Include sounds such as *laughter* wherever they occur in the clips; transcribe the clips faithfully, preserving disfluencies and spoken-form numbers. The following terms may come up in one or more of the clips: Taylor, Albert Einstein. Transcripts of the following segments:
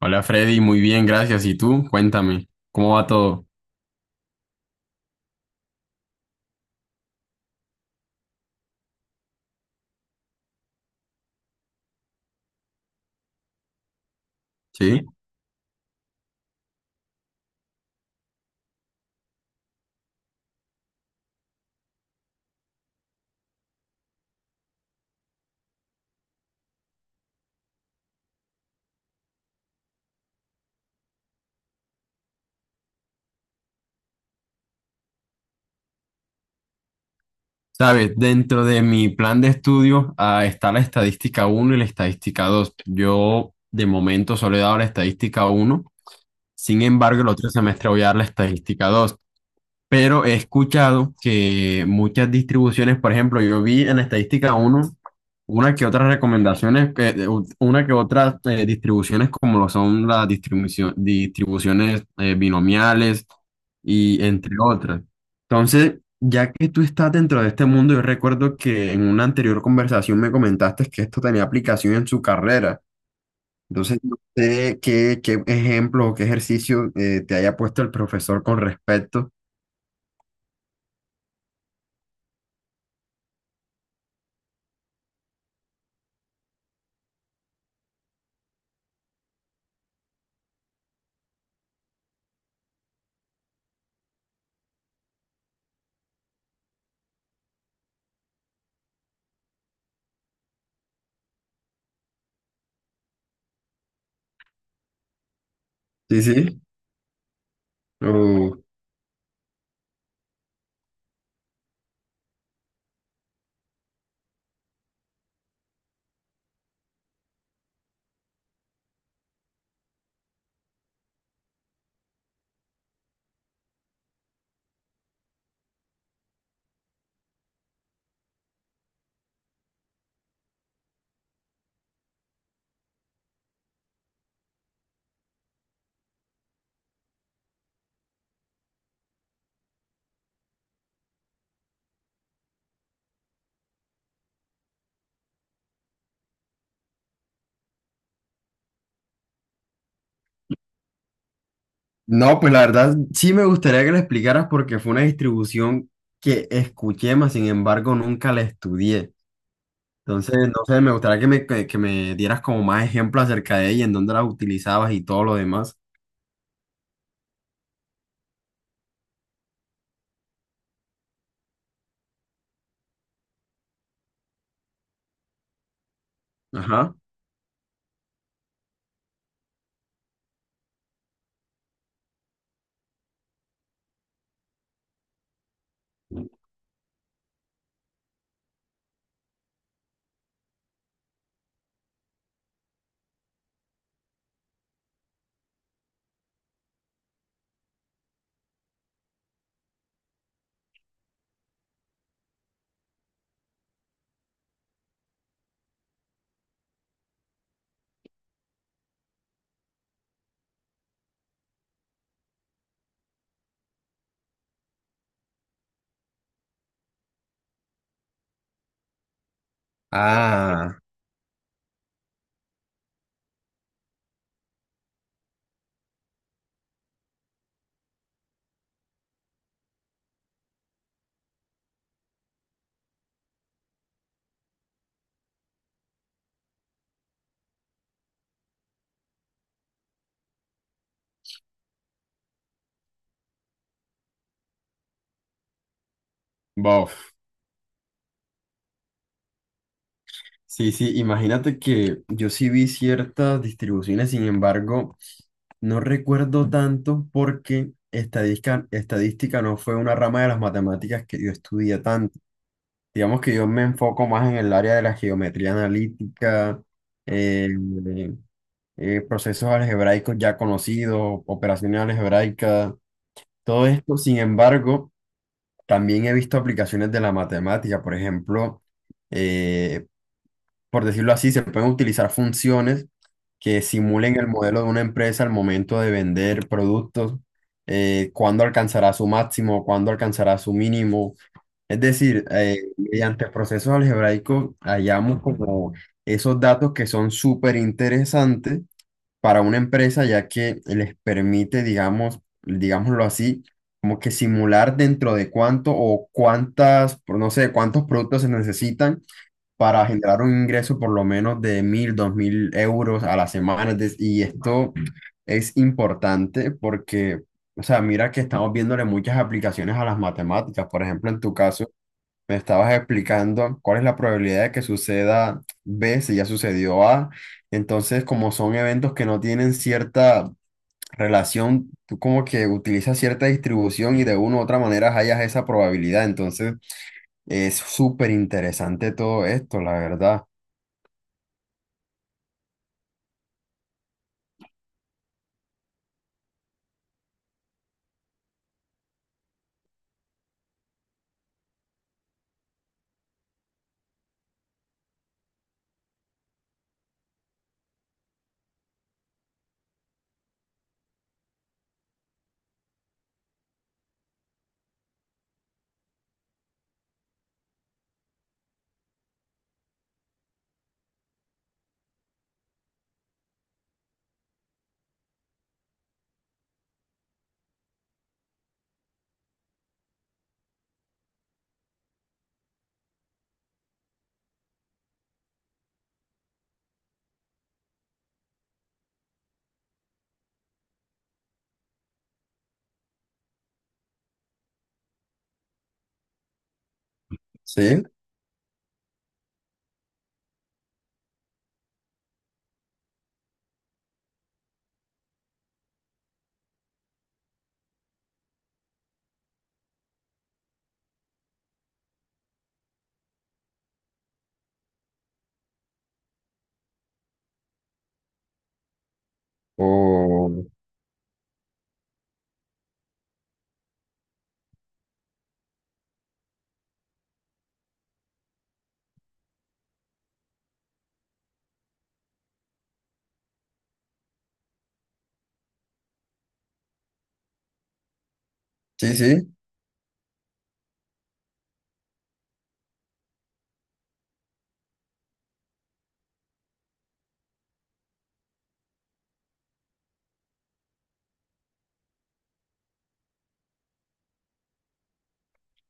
Hola Freddy, muy bien, gracias. ¿Y tú? Cuéntame, ¿cómo va todo? ¿Sí? Sabes, dentro de mi plan de estudio ah, está la estadística uno y la estadística dos. Yo de momento solo he dado la estadística uno, sin embargo el otro semestre voy a dar la estadística dos. Pero he escuchado que muchas distribuciones, por ejemplo, yo vi en estadística uno, una que otras recomendaciones, que- eh, de- u- una que otras eh, distribuciones como lo son las distribucio- distribuciones eh, binomiales y entre otras. Entonces, ya que tú estás dentro de este mundo, yo recuerdo que en una anterior conversación me comentaste que esto tenía aplicación en su carrera. Entonces, no sé qué, qué ejemplo o qué ejercicio eh, te haya puesto el profesor con respecto. Sí, sí. Uh, no, pues la verdad sí me gustaría que la explicaras porque fue una distribución que escuché, mas sin embargo nunca la estudié. Entonces, no sé, me gustaría que me, que, que me dieras como más ejemplos acerca de ella, en dónde la utilizabas y todo lo demás. Ajá. Ah, Bof. Sí, sí, imagínate que yo sí vi ciertas distribuciones, sin embargo, no recuerdo tanto porque estadística, estadística no fue una rama de las matemáticas que yo estudié tanto. Digamos que yo me enfoco más en el área de la geometría analítica, eh, eh, procesos algebraicos ya conocidos, operaciones algebraicas, todo esto. Sin embargo, también he visto aplicaciones de la matemática, por ejemplo, eh, por decirlo así, se pueden utilizar funciones que simulen el modelo de una empresa al momento de vender productos, eh, cuándo alcanzará su máximo, cuándo alcanzará su mínimo. Es decir, eh, mediante procesos algebraicos hallamos como esos datos que son súper interesantes para una empresa, ya que les permite, digamos, digámoslo así, como que simular dentro de cuánto o cuántas, no sé, cuántos productos se necesitan para generar un ingreso por lo menos de mil, dos mil euros a la semana. Es dec- Y esto es importante porque, o sea, mira que estamos viéndole muchas aplicaciones a las matemáticas. Por ejemplo, en tu caso, me estabas explicando cuál es la probabilidad de que suceda B si ya sucedió A. Entonces, como son eventos que no tienen cierta relación, tú como que utilizas cierta distribución y de una u otra manera hallas esa probabilidad. Entonces, es súper interesante todo esto, la verdad. Sí, o sí, sí.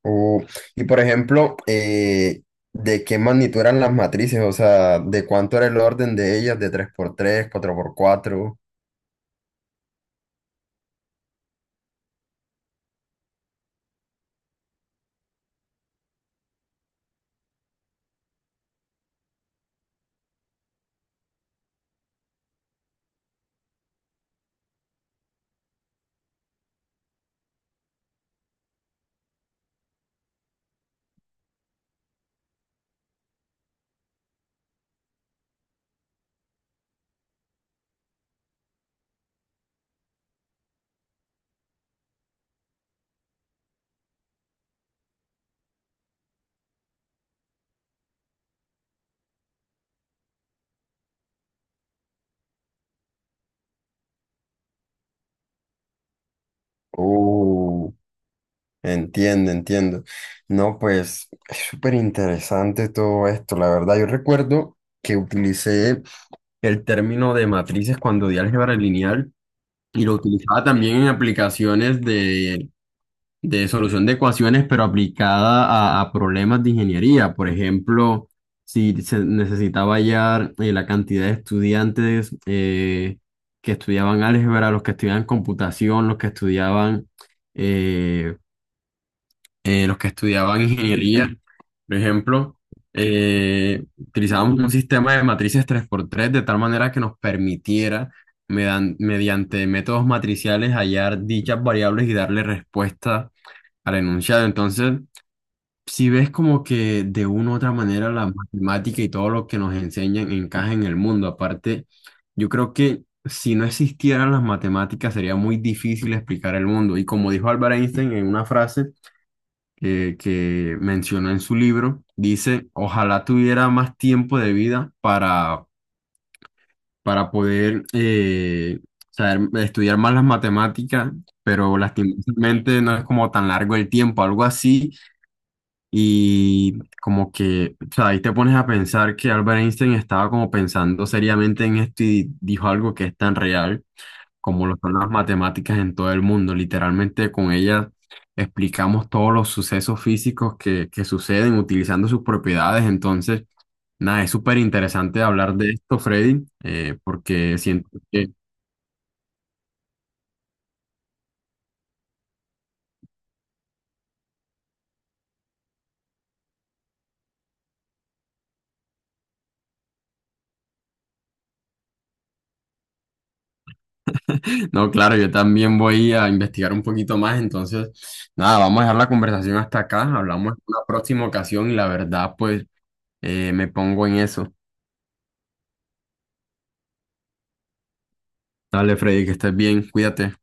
O, y por ejemplo, eh, ¿de qué magnitud eran las matrices? O sea, ¿de cuánto era el orden de ellas? ¿De tres por tres, cuatro por cuatro? Uh, Entiendo, entiendo. No, pues es súper interesante todo esto, la verdad. Yo recuerdo que utilicé el término de matrices cuando di álgebra lineal y lo utilizaba también en aplicaciones de de solución de ecuaciones, pero aplicada a, a problemas de ingeniería. Por ejemplo, si se necesitaba hallar eh, la cantidad de estudiantes eh, que estudiaban álgebra, los que estudiaban computación, los que estudiaban, eh, eh, los que estudiaban ingeniería, por ejemplo, eh, utilizábamos un sistema de matrices tres por tres de tal manera que nos permitiera medan- mediante métodos matriciales hallar dichas variables y darle respuesta al enunciado Entonces, si ves como que de una u otra manera la matemática y todo lo que nos enseñan encaja en el mundo. Aparte, yo creo que si no existieran las matemáticas sería muy difícil explicar el mundo. Y como dijo Albert Einstein en una frase que, que mencionó en su libro, dice, ojalá tuviera más tiempo de vida para, para poder... eh, saber- estudiar más las matemáticas, pero lastimosamente no es como tan largo el tiempo, algo así Y como que, o sea, ahí te pones a pensar que Albert Einstein estaba como pensando seriamente en esto y dijo algo que es tan real como lo son las matemáticas en todo el mundo. Literalmente con ellas explicamos todos los sucesos físicos que, que suceden utilizando sus propiedades. Entonces, nada, es súper interesante hablar de esto, Freddy, eh, porque siento que *laughs* No, claro, yo también voy a investigar un poquito más, entonces, nada, vamos a dejar la conversación hasta acá, hablamos en una próxima ocasión y la verdad, pues, eh, me pongo en eso. Dale, Freddy, que estés bien, cuídate.